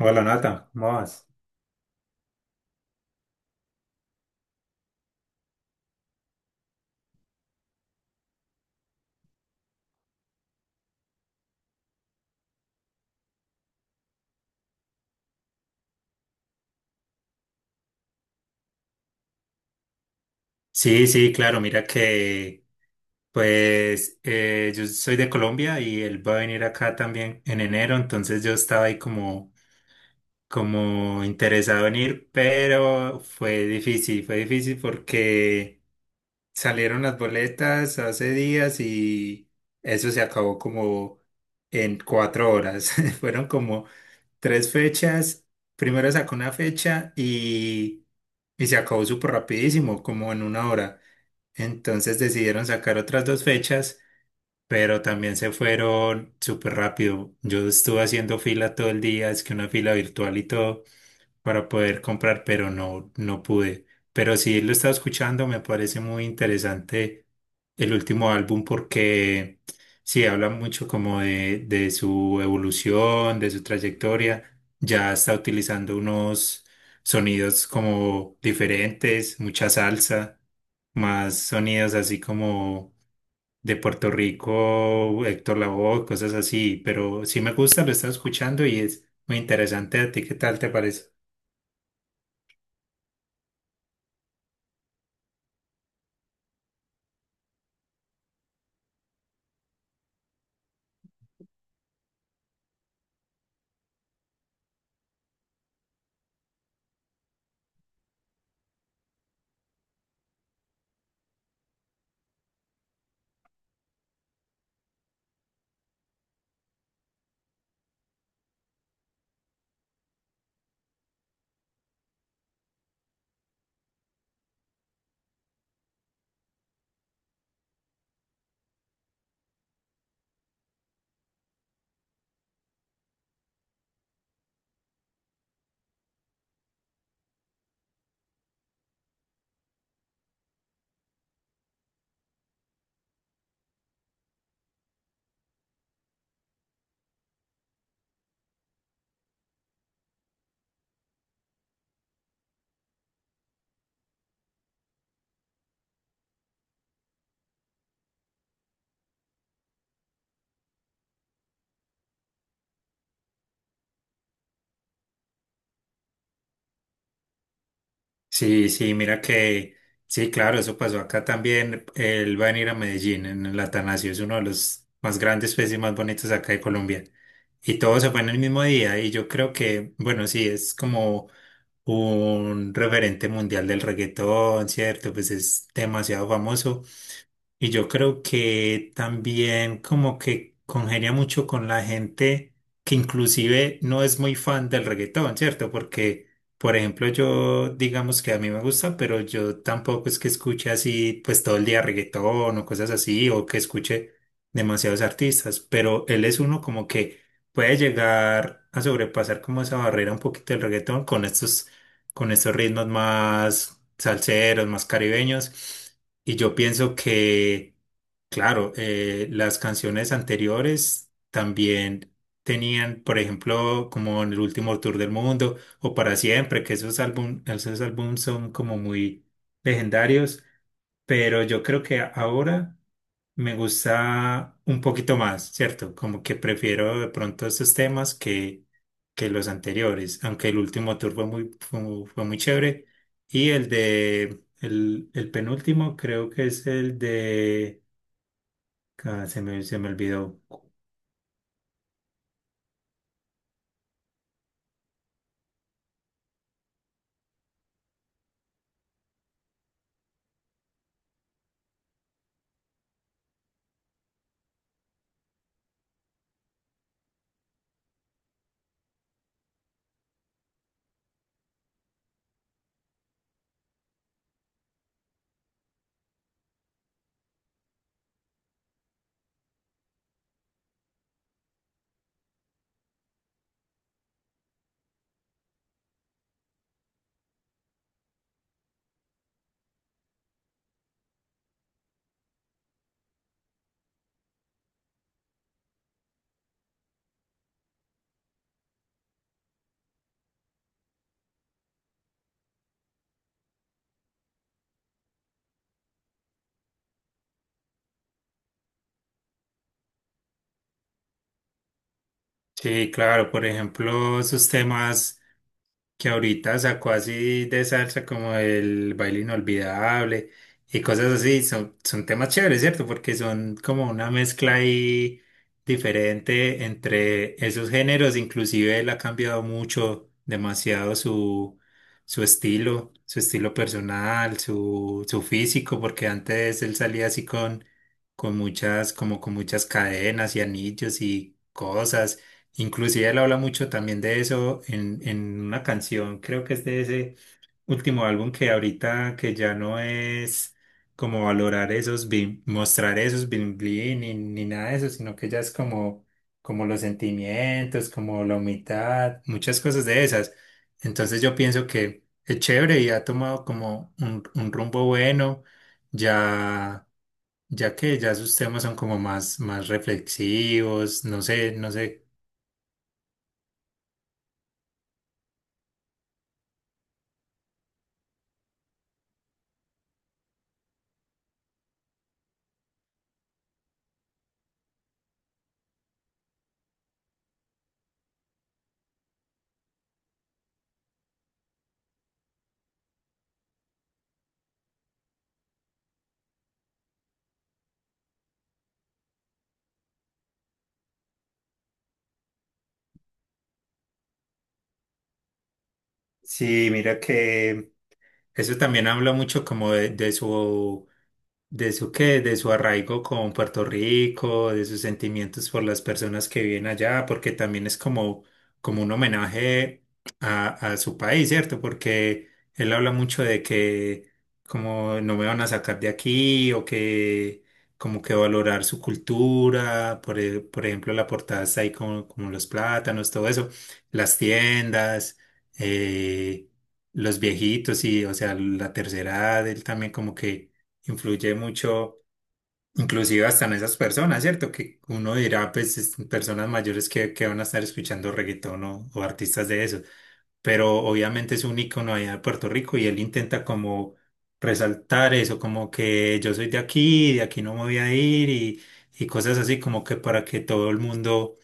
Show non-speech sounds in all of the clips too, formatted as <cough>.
Hola Nata, ¿cómo vas? Sí, sí, claro, mira que pues yo soy de Colombia y él va a venir acá también en enero, entonces yo estaba ahí como interesado en ir, pero fue difícil porque salieron las boletas hace días y eso se acabó como en cuatro horas, <laughs> fueron como tres fechas, primero sacó una fecha y se acabó súper rapidísimo, como en una hora. Entonces decidieron sacar otras dos fechas, pero también se fueron súper rápido. Yo estuve haciendo fila todo el día, es que una fila virtual y todo para poder comprar, pero no, no pude. Pero sí lo estaba escuchando, me parece muy interesante el último álbum porque sí habla mucho como de su evolución, de su trayectoria. Ya está utilizando unos sonidos como diferentes, mucha salsa, más sonidos así como de Puerto Rico, Héctor Lavoe, cosas así, pero sí me gusta, lo estaba escuchando y es muy interesante. ¿A ti qué tal te parece? Sí, sí, mira que, sí, claro, eso pasó acá también. Él va a venir a Medellín en el Atanasio, es uno de los más grandes pues, y más bonitos acá de Colombia. Y todo se fue en el mismo día y yo creo que, bueno, sí, es como un referente mundial del reggaetón, ¿cierto? Pues es demasiado famoso. Y yo creo que también como que congenia mucho con la gente que inclusive no es muy fan del reggaetón, ¿cierto? Porque, por ejemplo, yo digamos que a mí me gusta, pero yo tampoco es que escuche así pues todo el día reggaetón o cosas así, o que escuche demasiados artistas, pero él es uno como que puede llegar a sobrepasar como esa barrera un poquito del reggaetón con estos, ritmos más salseros, más caribeños. Y yo pienso que, claro, las canciones anteriores también tenían, por ejemplo, como en el último tour del mundo o para siempre, que esos álbumes son como muy legendarios, pero yo creo que ahora me gusta un poquito más, ¿cierto? Como que prefiero de pronto estos temas que los anteriores, aunque el último tour fue muy chévere. Y el penúltimo creo que es el de, ah, se me olvidó. Sí, claro, por ejemplo, esos temas, que ahorita sacó así de salsa como el baile inolvidable y cosas así, son temas chéveres, ¿cierto? Porque son como una mezcla ahí diferente entre esos géneros, inclusive él ha cambiado mucho, demasiado su estilo, su estilo personal, su físico, porque antes él salía así como con muchas cadenas y anillos y cosas. Inclusive él habla mucho también de eso en, una canción, creo que es de ese último álbum que ahorita que ya no es como valorar mostrar esos bling bling ni nada de eso, sino que ya es como los sentimientos, como la humildad, muchas cosas de esas. Entonces yo pienso que es chévere y ha tomado como un rumbo bueno, ya, ya que ya sus temas son como más reflexivos, no sé, no sé. Sí, mira que eso también habla mucho como de su arraigo con Puerto Rico, de sus sentimientos por las personas que viven allá, porque también es como un homenaje a, a su país, ¿cierto? Porque él habla mucho de que como no me van a sacar de aquí o que como que valorar su cultura, por ejemplo, la portada está ahí como los plátanos, todo eso, las tiendas. eh, los viejitos y, o sea, la tercera edad, él también como que influye mucho, inclusive hasta en esas personas, ¿cierto? Que uno dirá, pues, personas mayores que van a estar escuchando reggaetón o artistas de eso, pero obviamente es un ícono allá de Puerto Rico y él intenta como resaltar eso, como que yo soy de aquí no me voy a ir y cosas así, como que para que todo el mundo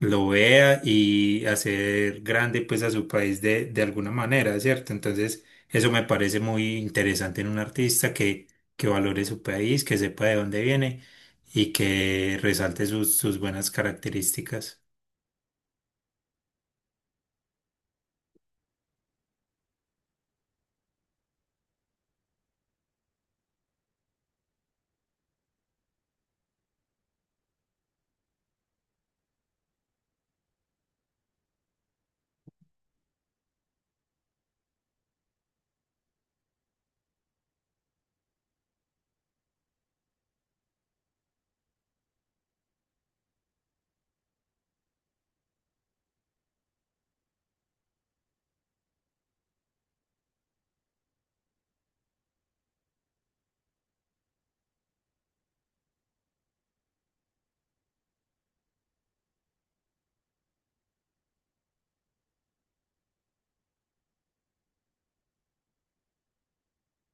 lo vea y hacer grande pues a su país de alguna manera, ¿cierto? Entonces, eso me parece muy interesante en un artista que valore su país, que sepa de dónde viene y que resalte sus buenas características.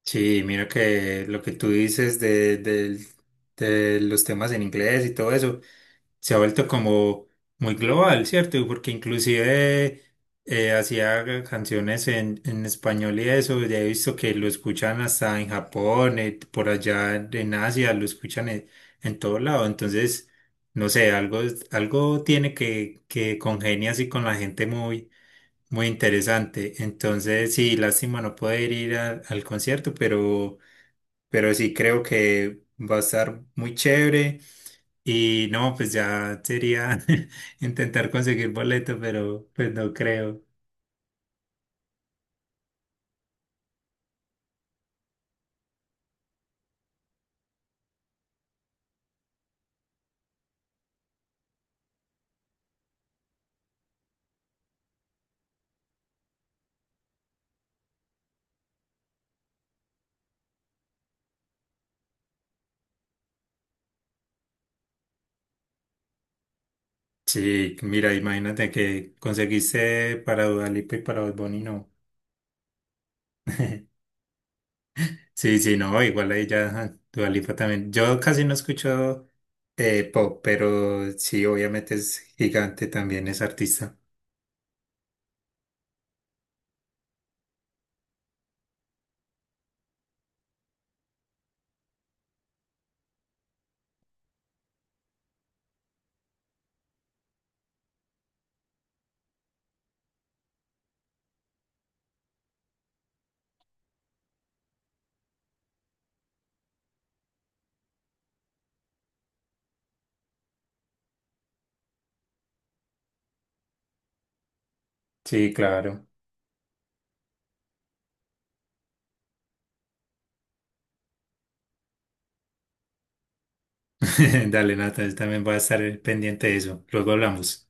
Sí, mira que lo que tú dices de los temas en inglés y todo eso, se ha vuelto como muy global, ¿cierto? Porque inclusive hacía canciones en, español y eso, ya he visto que lo escuchan hasta en Japón, por allá en Asia, lo escuchan en todo lado, entonces, no sé, algo, tiene que congenia así con la gente muy, muy interesante, entonces sí, lástima no poder ir al concierto, pero sí creo que va a estar muy chévere. Y no, pues ya sería <laughs> intentar conseguir boleto, pero pues no creo. Sí, mira, imagínate que conseguiste para Dua Lipa y para Bad Bunny, no. Sí, sí, no, igual ahí ya ajá, Dua Lipa también. Yo casi no escucho pop, pero sí, obviamente es gigante también, es artista. Sí, claro. <laughs> Dale, Nata, yo también voy a estar pendiente de eso. Luego hablamos.